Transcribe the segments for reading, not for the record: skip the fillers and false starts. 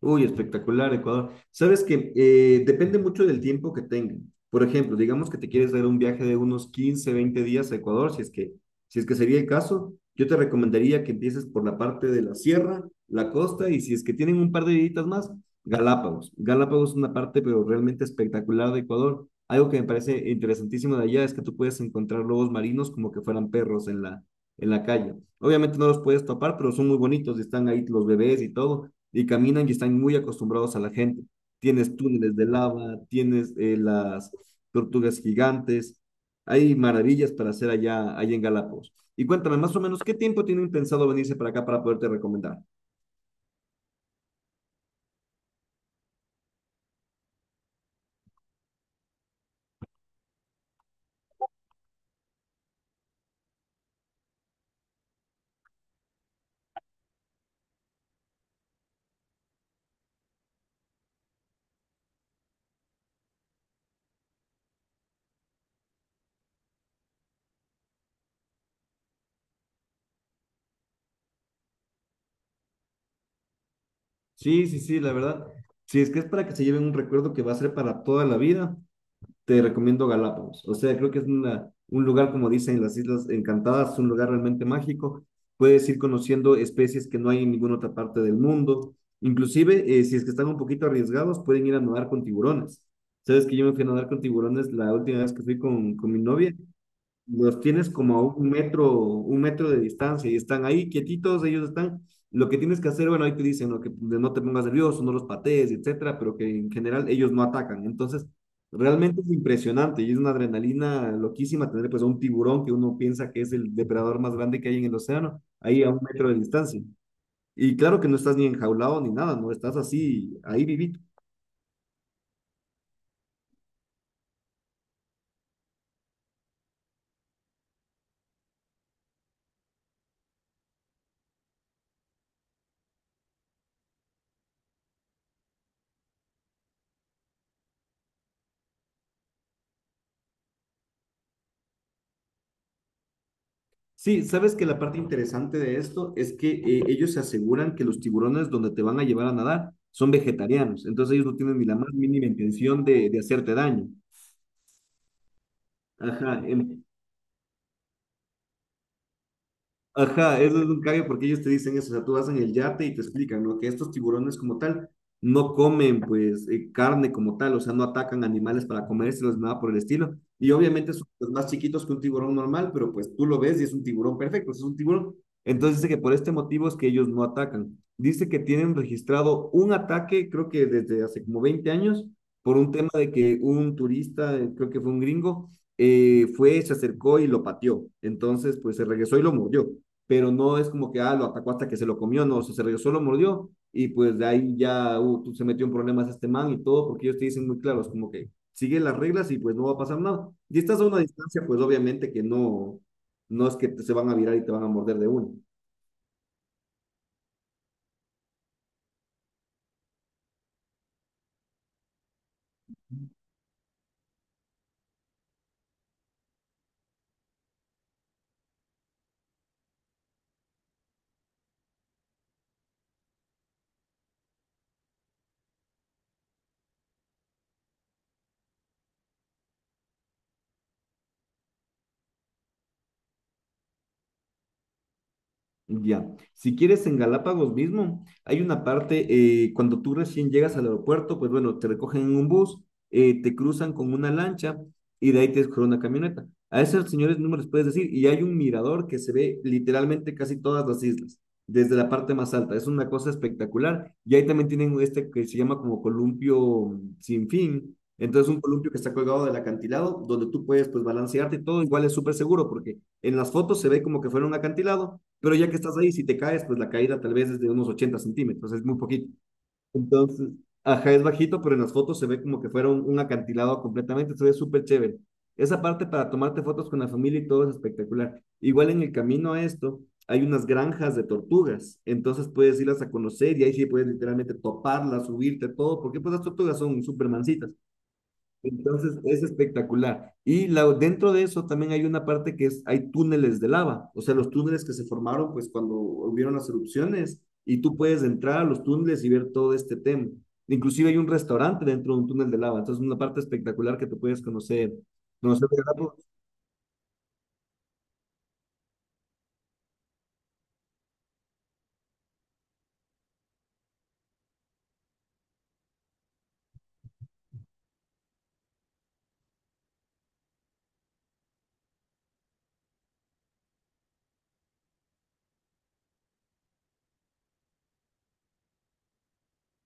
Uy, espectacular, Ecuador. Sabes que depende mucho del tiempo que tengan. Por ejemplo, digamos que te quieres dar un viaje de unos 15, 20 días a Ecuador, si es que sería el caso, yo te recomendaría que empieces por la parte de la sierra, la costa, y si es que tienen un par de días más, Galápagos. Galápagos es una parte, pero realmente espectacular de Ecuador. Algo que me parece interesantísimo de allá es que tú puedes encontrar lobos marinos como que fueran perros en la calle. Obviamente no los puedes topar, pero son muy bonitos y están ahí los bebés y todo y caminan y están muy acostumbrados a la gente. Tienes túneles de lava, tienes las tortugas gigantes, hay maravillas para hacer allá, allá en Galápagos. Y cuéntame, más o menos, ¿qué tiempo tienen pensado venirse para acá para poderte recomendar? Sí, sí, sí, la verdad. Sí, es que es para que se lleven un recuerdo que va a ser para toda la vida, te recomiendo Galápagos. O sea, creo que es una, un lugar, como dicen las Islas Encantadas, un lugar realmente mágico. Puedes ir conociendo especies que no hay en ninguna otra parte del mundo. Inclusive, si es que están un poquito arriesgados, pueden ir a nadar con tiburones. Sabes que yo me fui a nadar con tiburones la última vez que fui con mi novia. Los tienes como a un metro de distancia y están ahí quietitos, ellos están, lo que tienes que hacer, bueno, ahí te dicen, ¿no?, que no te pongas nervioso, no los patees, etcétera, pero que en general ellos no atacan. Entonces, realmente es impresionante y es una adrenalina loquísima tener pues a un tiburón que uno piensa que es el depredador más grande que hay en el océano, ahí a un metro de distancia. Y claro que no estás ni enjaulado ni nada, no estás así, ahí vivito. Sí, sabes que la parte interesante de esto es que ellos se aseguran que los tiburones donde te van a llevar a nadar son vegetarianos, entonces ellos no tienen ni la más mínima intención de hacerte daño. Ajá, en- Ajá, eso es un cambio porque ellos te dicen eso, o sea, tú vas en el yate y te explican, ¿no? Que estos tiburones como tal no comen pues carne como tal, o sea, no atacan animales para comérselos, nada por el estilo. Y obviamente son pues, más chiquitos que un tiburón normal, pero pues tú lo ves y es un tiburón perfecto, es un tiburón. Entonces dice que por este motivo es que ellos no atacan. Dice que tienen registrado un ataque, creo que desde hace como 20 años, por un tema de que un turista, creo que fue un gringo, se acercó y lo pateó. Entonces, pues se regresó y lo mordió, pero no es como que, ah, lo atacó hasta que se lo comió, no, o sea, se regresó, lo mordió y pues de ahí ya se metió en problemas este man y todo, porque ellos te dicen muy claros, como que sigue las reglas y pues no va a pasar nada. Y estás a una distancia, pues obviamente que no, no es que te, se van a virar y te van a morder de uno. Ya, si quieres en Galápagos mismo, hay una parte, cuando tú recién llegas al aeropuerto, pues bueno, te recogen en un bus, te cruzan con una lancha y de ahí te escogen una camioneta. A esos señores no me les puedes decir, y hay un mirador que se ve literalmente casi todas las islas, desde la parte más alta, es una cosa espectacular. Y ahí también tienen este que se llama como columpio sin fin, entonces un columpio que está colgado del acantilado, donde tú puedes pues balancearte y todo, igual es súper seguro, porque en las fotos se ve como que fuera un acantilado, pero ya que estás ahí, si te caes, pues la caída tal vez es de unos 80 centímetros, es muy poquito. Entonces, ajá, es bajito, pero en las fotos se ve como que fuera un acantilado completamente, se ve súper chévere. Esa parte para tomarte fotos con la familia y todo es espectacular. Igual en el camino a esto, hay unas granjas de tortugas, entonces puedes irlas a conocer y ahí sí puedes literalmente toparlas, subirte, todo, porque pues las tortugas son súper mansitas, entonces es espectacular. Y la, dentro de eso también hay una parte que es, hay túneles de lava, o sea, los túneles que se formaron pues cuando hubieron las erupciones y tú puedes entrar a los túneles y ver todo este tema. Inclusive hay un restaurante dentro de un túnel de lava, entonces una parte espectacular que tú puedes conocer.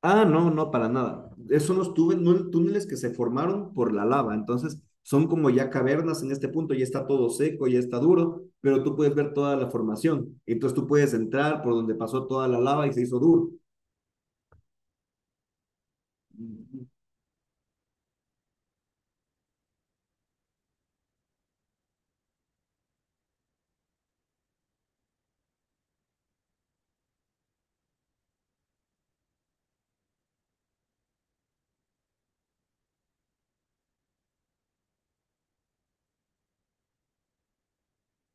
Ah, no, no, para nada. Son los túneles que se formaron por la lava. Entonces, son como ya cavernas en este punto, ya está todo seco, ya está duro, pero tú puedes ver toda la formación. Entonces, tú puedes entrar por donde pasó toda la lava y se hizo duro.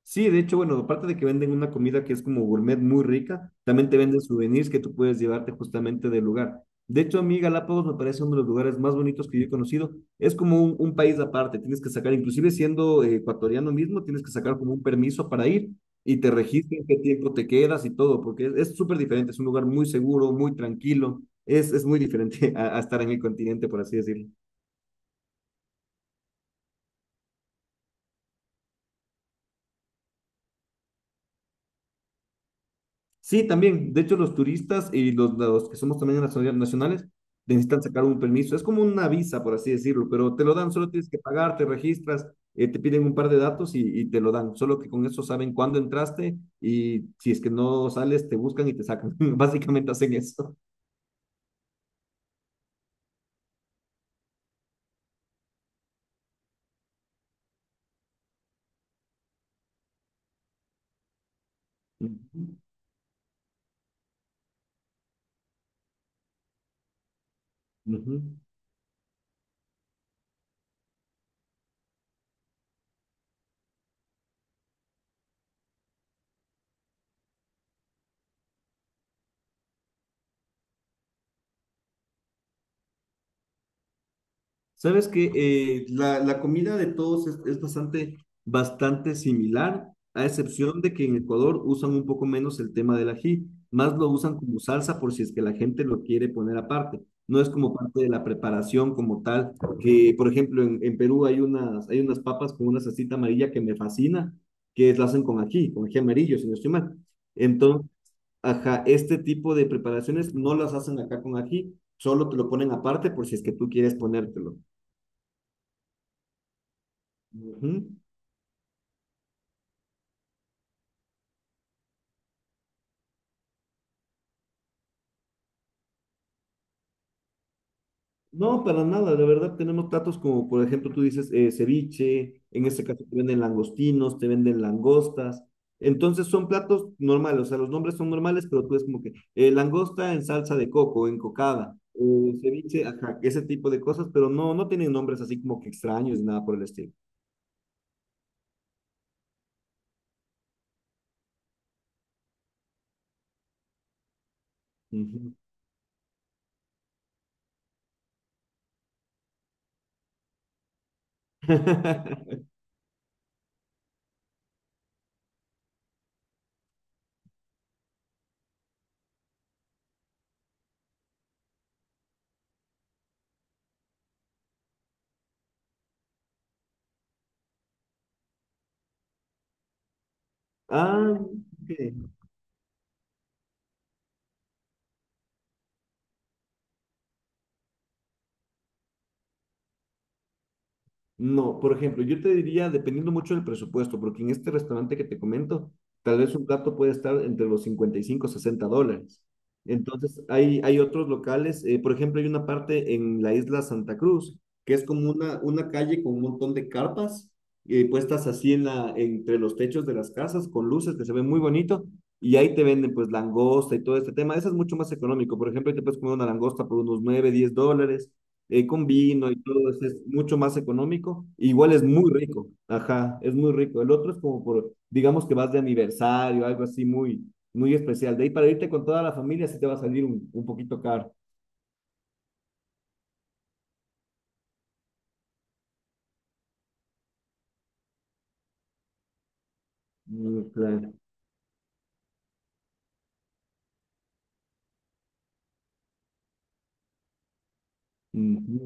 Sí, de hecho, bueno, aparte de que venden una comida que es como gourmet muy rica, también te venden souvenirs que tú puedes llevarte justamente del lugar. De hecho, a mí Galápagos me parece uno de los lugares más bonitos que yo he conocido. Es como un país aparte, tienes que sacar, inclusive siendo ecuatoriano mismo, tienes que sacar como un permiso para ir y te registran qué tiempo te quedas y todo, porque es súper diferente, es un lugar muy seguro, muy tranquilo, es muy diferente a estar en el continente, por así decirlo. Sí, también. De hecho, los turistas y los que somos también nacionales necesitan sacar un permiso. Es como una visa, por así decirlo, pero te lo dan, solo tienes que pagar, te registras, te piden un par de datos y te lo dan. Solo que con eso saben cuándo entraste y si es que no sales, te buscan y te sacan. Básicamente hacen eso. Ujú, ujú. Sabes que la, la comida de todos es bastante, bastante similar, a excepción de que en Ecuador usan un poco menos el tema del ají, más lo usan como salsa por si es que la gente lo quiere poner aparte. No es como parte de la preparación como tal, que por ejemplo en Perú hay unas papas con una salsita amarilla que me fascina, que la hacen con ají amarillo, si no estoy mal. Entonces, ajá, este tipo de preparaciones no las hacen acá con ají, solo te lo ponen aparte por si es que tú quieres ponértelo. Ujú. No, para nada, de verdad tenemos platos como, por ejemplo, tú dices ceviche, en este caso te venden langostinos, te venden langostas, entonces son platos normales, o sea, los nombres son normales, pero tú es como que langosta en salsa de coco, en cocada, ceviche, ajá, ese tipo de cosas, pero no, no tienen nombres así como que extraños ni nada por el estilo. Ujú. Ah, ok. No, por ejemplo, yo te diría, dependiendo mucho del presupuesto, porque en este restaurante que te comento, tal vez un plato puede estar entre los 55 y 60 dólares. Entonces, hay otros locales, por ejemplo, hay una parte en la isla Santa Cruz, que es como una calle con un montón de carpas puestas así en la, entre los techos de las casas, con luces que se ven muy bonito, y ahí te venden pues langosta y todo este tema. Eso es mucho más económico. Por ejemplo, ahí te puedes comer una langosta por unos 9, 10 dólares con vino y todo, es mucho más económico. E Igual es muy rico, ajá, es muy rico. El otro es como por, digamos que vas de aniversario, algo así muy, muy especial. De ahí para irte con toda la familia sí te va a salir un poquito caro. Mm, claro. Ujú.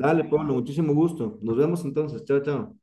Dale, Pablo, muchísimo gusto. Nos vemos entonces. Chao, chao.